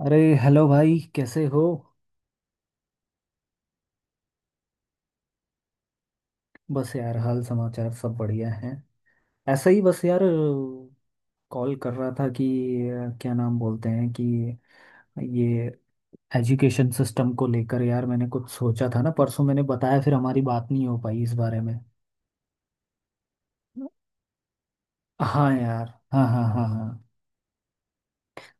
अरे हेलो भाई, कैसे हो। बस यार, हाल समाचार सब बढ़िया है। ऐसा ही बस यार। कॉल कर रहा था कि क्या नाम बोलते हैं कि ये एजुकेशन सिस्टम को लेकर यार मैंने कुछ सोचा था ना, परसों मैंने बताया, फिर हमारी बात नहीं हो पाई इस बारे में। हाँ यार। हाँ, हाँ, हाँ, हाँ।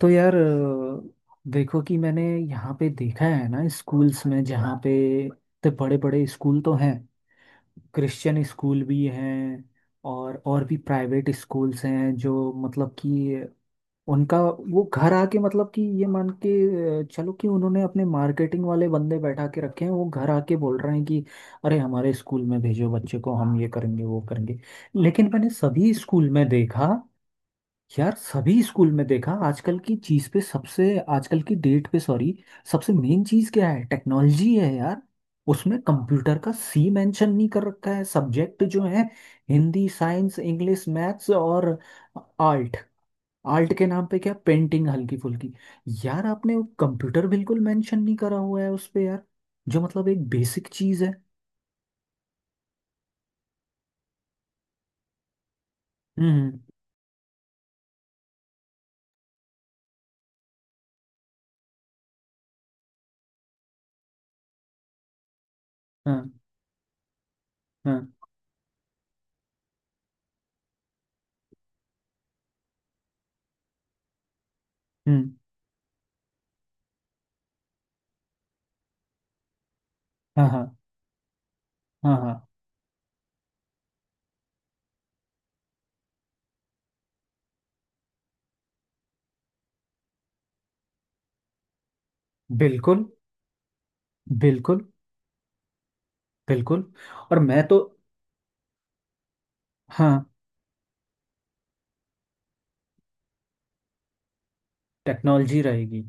तो यार, देखो कि मैंने यहाँ पे देखा है ना, स्कूल्स में, जहाँ पे इतने बड़े बड़े स्कूल तो हैं। क्रिश्चियन स्कूल भी हैं। और भी प्राइवेट स्कूल्स हैं जो मतलब कि उनका वो घर आके, मतलब कि ये मान के, चलो, कि उन्होंने अपने मार्केटिंग वाले बंदे बैठा के रखे हैं, वो घर आके बोल रहे हैं कि अरे हमारे स्कूल में भेजो बच्चे को, हम ये करेंगे वो करेंगे। लेकिन मैंने सभी स्कूल में देखा, यार सभी स्कूल में देखा आजकल की चीज पे सबसे, आजकल की डेट पे सॉरी, सबसे मेन चीज क्या है? टेक्नोलॉजी है यार। उसमें कंप्यूटर का सी मेंशन नहीं कर रखा है, सब्जेक्ट जो है हिंदी, साइंस, इंग्लिश, मैथ्स और आर्ट। आर्ट के नाम पे क्या? पेंटिंग हल्की फुल्की। यार आपने कंप्यूटर बिल्कुल मेंशन नहीं करा हुआ है उस पे यार, जो मतलब एक बेसिक चीज है। हम्म, हम्म। हाँ, हाँ। हम्म। हाँ, हाँ, हाँ, हाँ, हाँ। बिल्कुल, बिल्कुल, बिल्कुल। और मैं तो। हाँ। टेक्नोलॉजी रहेगी।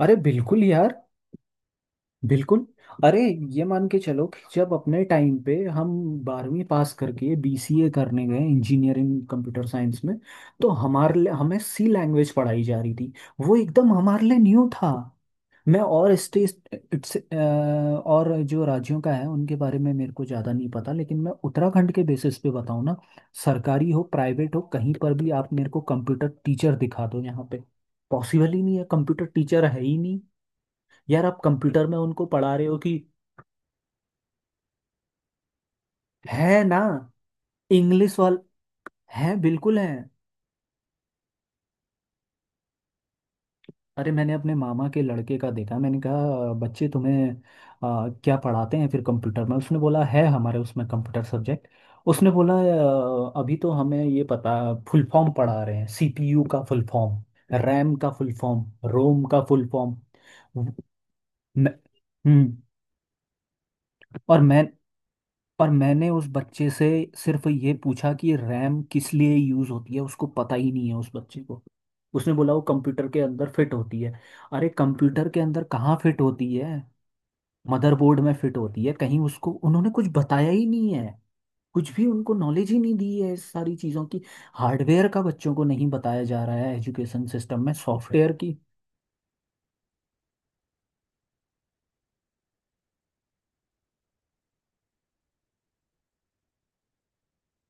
अरे बिल्कुल यार। बिल्कुल। अरे, ये मान के चलो कि जब अपने टाइम पे हम बारहवीं पास करके बीसीए करने गए, इंजीनियरिंग कंप्यूटर साइंस में। तो हमारे लिए हमें सी लैंग्वेज पढ़ाई जा रही थी। वो एकदम हमारे लिए न्यू था। मैं, और जो राज्यों का है उनके बारे में मेरे को ज़्यादा नहीं पता, लेकिन मैं उत्तराखंड के बेसिस पे बताऊँ ना। सरकारी हो, प्राइवेट हो, कहीं पर भी आप मेरे को कंप्यूटर टीचर दिखा दो यहाँ पे। पॉसिबल ही नहीं है, कंप्यूटर टीचर है ही नहीं। यार, आप कंप्यूटर में उनको पढ़ा रहे हो कि है ना? इंग्लिश वाल, है, बिल्कुल है। अरे मैंने अपने मामा के लड़के का देखा, मैंने कहा बच्चे तुम्हें क्या पढ़ाते हैं फिर कंप्यूटर में? उसने बोला है हमारे उसमें कंप्यूटर सब्जेक्ट। उसने बोला, अभी तो हमें ये पता, फुल फॉर्म पढ़ा रहे हैं, सीपीयू का फुल फॉर्म, रैम का फुल फॉर्म, रोम का फुल फॉर्म। हम्म। और मैं। पर मैंने उस बच्चे से सिर्फ ये पूछा कि रैम किस लिए यूज होती है, उसको पता ही नहीं है उस बच्चे को। उसने बोला वो कंप्यूटर के अंदर फिट होती है। अरे कंप्यूटर के अंदर कहाँ फिट होती है? मदरबोर्ड में फिट होती है कहीं, उसको उन्होंने कुछ बताया ही नहीं है। कुछ भी उनको नॉलेज ही नहीं दी है इस सारी चीज़ों की। हार्डवेयर का बच्चों को नहीं बताया जा रहा है एजुकेशन सिस्टम में, सॉफ्टवेयर की।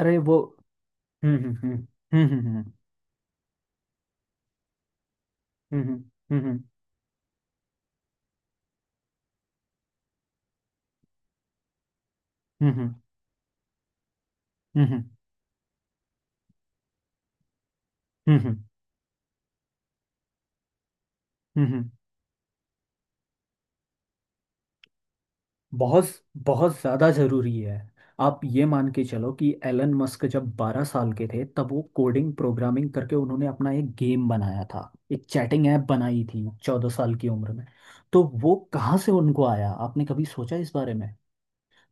अरे वो। हम्म, हम्म, हम्म, हम्म, हम्म, हम्म, हम्म, हम्म, हम्म, हम्म, हम्म, हम्म, हम्म, हम्म। बहुत, बहुत ज़्यादा ज़रूरी है। आप ये मान के चलो कि एलन मस्क जब 12 साल के थे, तब वो कोडिंग प्रोग्रामिंग करके उन्होंने अपना एक गेम बनाया था, एक चैटिंग ऐप बनाई थी 14 साल की उम्र में। तो वो कहाँ से उनको आया? आपने कभी सोचा इस बारे में?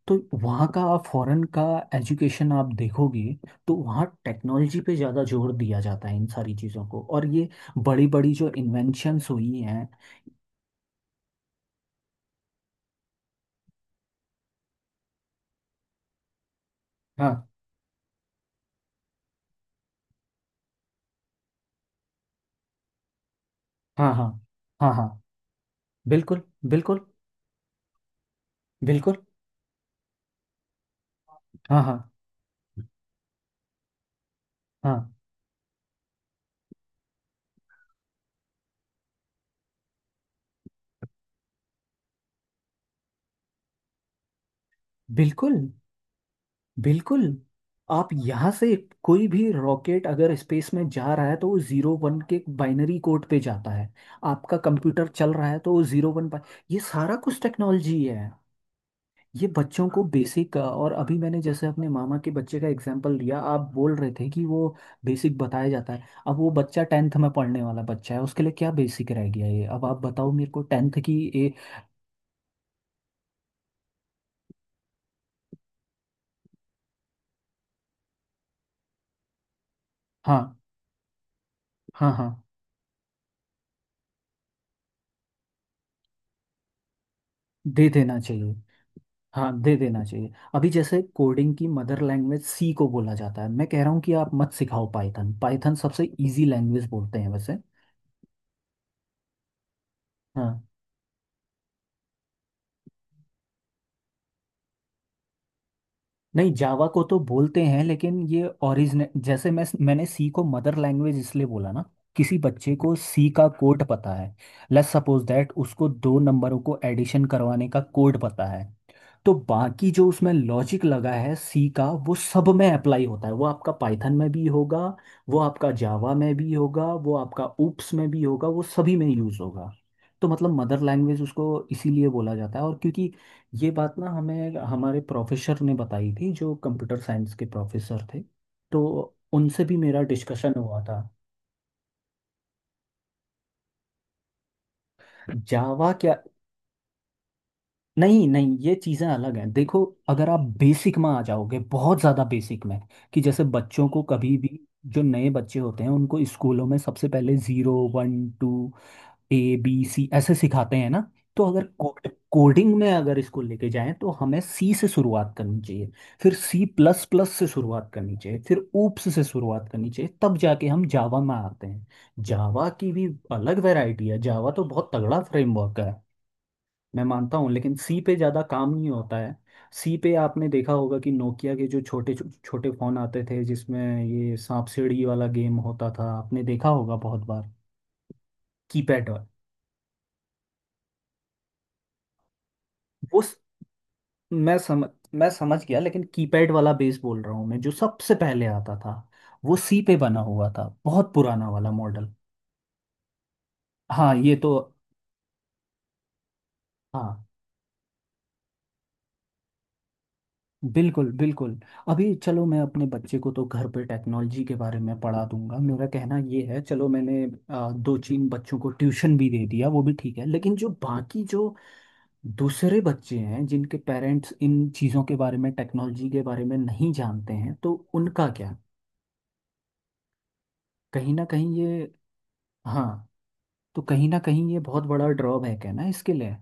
तो वहाँ का, आप फॉरेन का एजुकेशन आप देखोगे, तो वहाँ टेक्नोलॉजी पे ज़्यादा जोर दिया जाता है इन सारी चीज़ों को, और ये बड़ी बड़ी जो इन्वेंशंस हुई हैं। हाँ, हाँ, हाँ, हाँ, हाँ, बिल्कुल, बिल्कुल, बिल्कुल, हाँ, हाँ, हाँ, बिल्कुल, बिल्कुल। आप यहाँ से। कोई भी रॉकेट अगर स्पेस में जा रहा है, तो वो जीरो वन के बाइनरी कोड पे जाता है। आपका कंप्यूटर चल रहा है तो वो जीरो वन पर। ये सारा कुछ टेक्नोलॉजी है। ये बच्चों को बेसिक, और अभी मैंने जैसे अपने मामा के बच्चे का एग्जांपल लिया, आप बोल रहे थे कि वो बेसिक बताया जाता है, अब वो बच्चा टेंथ में पढ़ने वाला बच्चा है, उसके लिए क्या बेसिक रह गया? ये अब आप बताओ मेरे को टेंथ की। ए। हाँ, हाँ, हाँ, दे देना चाहिए। हाँ दे देना चाहिए। अभी जैसे कोडिंग की मदर लैंग्वेज सी को बोला जाता है, मैं कह रहा हूँ कि आप मत सिखाओ, पाइथन, पाइथन सबसे इजी लैंग्वेज बोलते हैं वैसे। हाँ। नहीं, जावा को तो बोलते हैं, लेकिन ये ओरिजिन जैसे, मैंने सी को मदर लैंग्वेज इसलिए बोला ना। किसी बच्चे को सी का कोड पता है। लेट्स सपोज दैट उसको दो नंबरों को एडिशन करवाने का कोड पता है। तो बाकी जो उसमें लॉजिक लगा है सी का, वो सब में अप्लाई होता है, वो आपका पाइथन में भी होगा, वो आपका जावा में भी होगा, वो आपका ऊप्स में भी होगा, वो सभी में यूज़ होगा। तो मतलब मदर लैंग्वेज उसको इसीलिए बोला जाता है, और क्योंकि ये बात ना हमें हमारे प्रोफेसर ने बताई थी जो कंप्यूटर साइंस के प्रोफेसर थे। तो उनसे भी मेरा डिस्कशन हुआ था। जावा क्या? नहीं, नहीं, ये चीज़ें अलग हैं देखो। अगर आप बेसिक में आ जाओगे, बहुत ज़्यादा बेसिक में, कि जैसे बच्चों को कभी भी, जो नए बच्चे होते हैं, उनको स्कूलों में सबसे पहले zero, one, two, A, B, C ऐसे सिखाते हैं ना। तो अगर कोडिंग में अगर इसको लेके जाएं तो हमें सी से शुरुआत करनी चाहिए। फिर सी प्लस प्लस से शुरुआत करनी चाहिए, फिर ऊप्स से शुरुआत करनी चाहिए, तब जाके हम जावा में आते हैं। जावा की भी अलग वैरायटी है, जावा तो बहुत तगड़ा फ्रेमवर्क है। मैं मानता हूँ, लेकिन सी पे ज़्यादा काम नहीं होता है। सी पे आपने देखा होगा कि नोकिया के जो छोटे छोटे फ़ोन आते थे, जिसमें ये सांप सीढ़ी वाला गेम होता था, आपने देखा होगा बहुत बार। कीपैड वाला। वो स- मैं समझ मैं समझ गया, लेकिन कीपैड वाला बेस बोल रहा हूँ मैं, जो सबसे पहले आता था। वो सी पे बना हुआ था, बहुत पुराना वाला मॉडल। हाँ ये तो। हाँ, बिल्कुल बिल्कुल। अभी चलो, मैं अपने बच्चे को तो घर पे टेक्नोलॉजी के बारे में पढ़ा दूंगा, मेरा कहना ये है, चलो मैंने दो तीन बच्चों को ट्यूशन भी दे दिया, वो भी ठीक है, लेकिन जो बाकी, जो दूसरे बच्चे हैं जिनके पेरेंट्स इन चीज़ों के बारे में, टेक्नोलॉजी के बारे में नहीं जानते हैं, तो उनका क्या? कहीं ना कहीं ये। हाँ। तो कहीं ना कहीं ये बहुत बड़ा ड्रॉबैक है ना इसके लिए।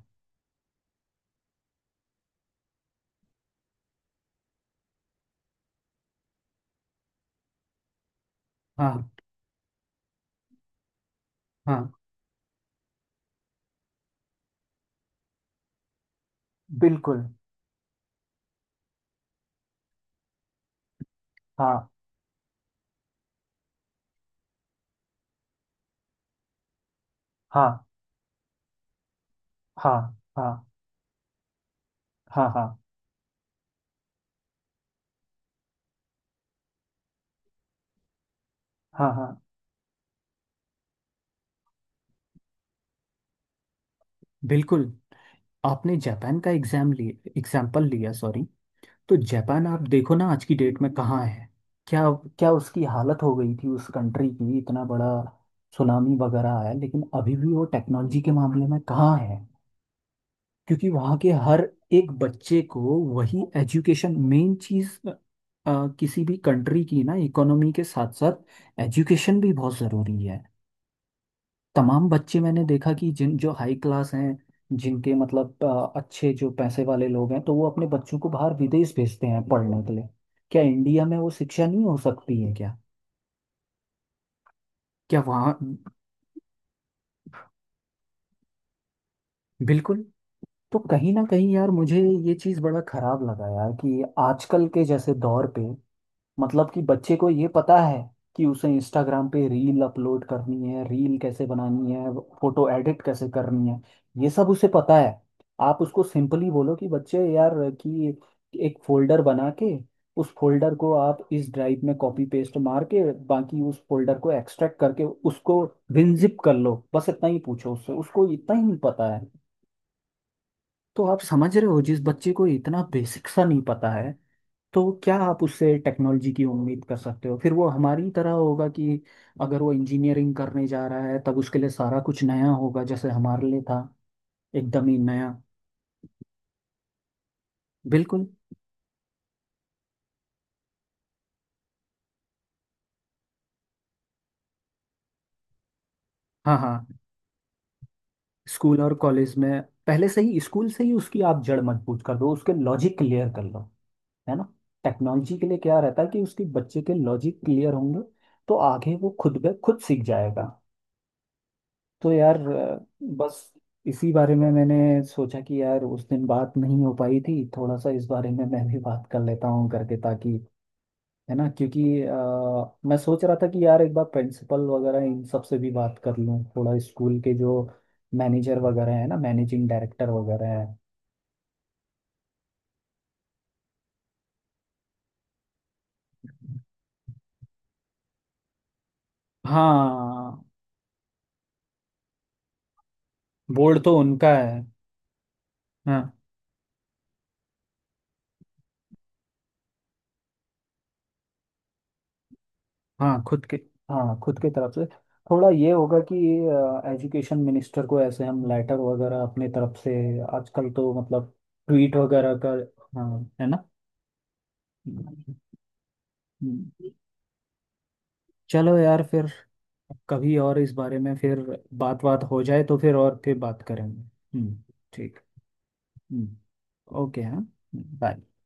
हाँ, हाँ, बिल्कुल, हाँ, हाँ, हाँ, हाँ, हाँ, हाँ, हाँ, हाँ, बिल्कुल। आपने जापान का एग्जाम लिए, एग्जाम्पल लिया सॉरी। तो जापान आप देखो ना, आज की डेट में कहाँ है? क्या? क्या उसकी हालत हो गई थी उस कंट्री की, इतना बड़ा सुनामी वगैरह आया, लेकिन अभी भी वो टेक्नोलॉजी के मामले में कहाँ है। क्योंकि वहाँ के हर एक बच्चे को, वही एजुकेशन मेन चीज़। किसी भी कंट्री की ना, इकोनॉमी के साथ साथ एजुकेशन भी बहुत ज़रूरी है। तमाम बच्चे मैंने देखा कि जिन जो हाई क्लास हैं, जिनके मतलब अच्छे जो पैसे वाले लोग हैं, तो वो अपने बच्चों को बाहर विदेश भेजते हैं पढ़ने के लिए। क्या इंडिया में वो शिक्षा नहीं हो सकती है क्या? क्या वहाँ। बिल्कुल। तो कहीं ना कहीं यार मुझे ये चीज़ बड़ा खराब लगा यार, कि आजकल के जैसे दौर पे, मतलब कि बच्चे को ये पता है, कि उसे इंस्टाग्राम पे रील अपलोड करनी है, रील कैसे बनानी है, फोटो एडिट कैसे करनी है, ये सब उसे पता है। आप उसको सिंपली बोलो कि बच्चे यार, कि एक फोल्डर बना के उस फोल्डर को आप इस ड्राइव में कॉपी पेस्ट मार के, बाकी उस फोल्डर को एक्सट्रैक्ट करके, उसको विनजिप कर लो, बस इतना ही पूछो उससे, उसको इतना ही पता है। तो आप समझ रहे हो, जिस बच्चे को इतना बेसिक सा नहीं पता है, तो क्या आप उससे टेक्नोलॉजी की उम्मीद कर सकते हो? फिर वो हमारी तरह होगा कि अगर वो इंजीनियरिंग करने जा रहा है तब उसके लिए सारा कुछ नया होगा, जैसे हमारे लिए था। एकदम ही नया। बिल्कुल। हाँ, हाँ। स्कूल और कॉलेज में। पहले से ही, स्कूल से ही उसकी आप जड़ मजबूत कर दो, उसके लॉजिक क्लियर कर लो। है ना। टेक्नोलॉजी के लिए क्या रहता है कि उसके बच्चे के लॉजिक क्लियर होंगे। तो आगे वो खुद ब खुद सीख जाएगा। तो यार, बस इसी बारे में मैंने सोचा कि यार उस दिन बात नहीं हो पाई थी, थोड़ा सा इस बारे में मैं भी बात कर लेता हूँ करके ताकि, है ना, क्योंकि मैं सोच रहा था कि यार एक बार प्रिंसिपल वगैरह इन सब से भी बात कर लूँ थोड़ा, स्कूल के जो मैनेजर वगैरह, है ना, मैनेजिंग डायरेक्टर वगैरह है। हाँ। बोर्ड तो उनका है। हाँ, हाँ खुद के। हाँ खुद की तरफ से। थोड़ा ये होगा कि एजुकेशन मिनिस्टर को ऐसे हम लेटर वगैरह अपने तरफ से, आजकल तो मतलब ट्वीट वगैरह कर, हाँ है ना। हम्म। चलो यार फिर, कभी और इस बारे में फिर बात बात हो जाए तो फिर, और फिर बात करेंगे, हम्म। ठीक। हम्म। ओके, हाँ। बाय।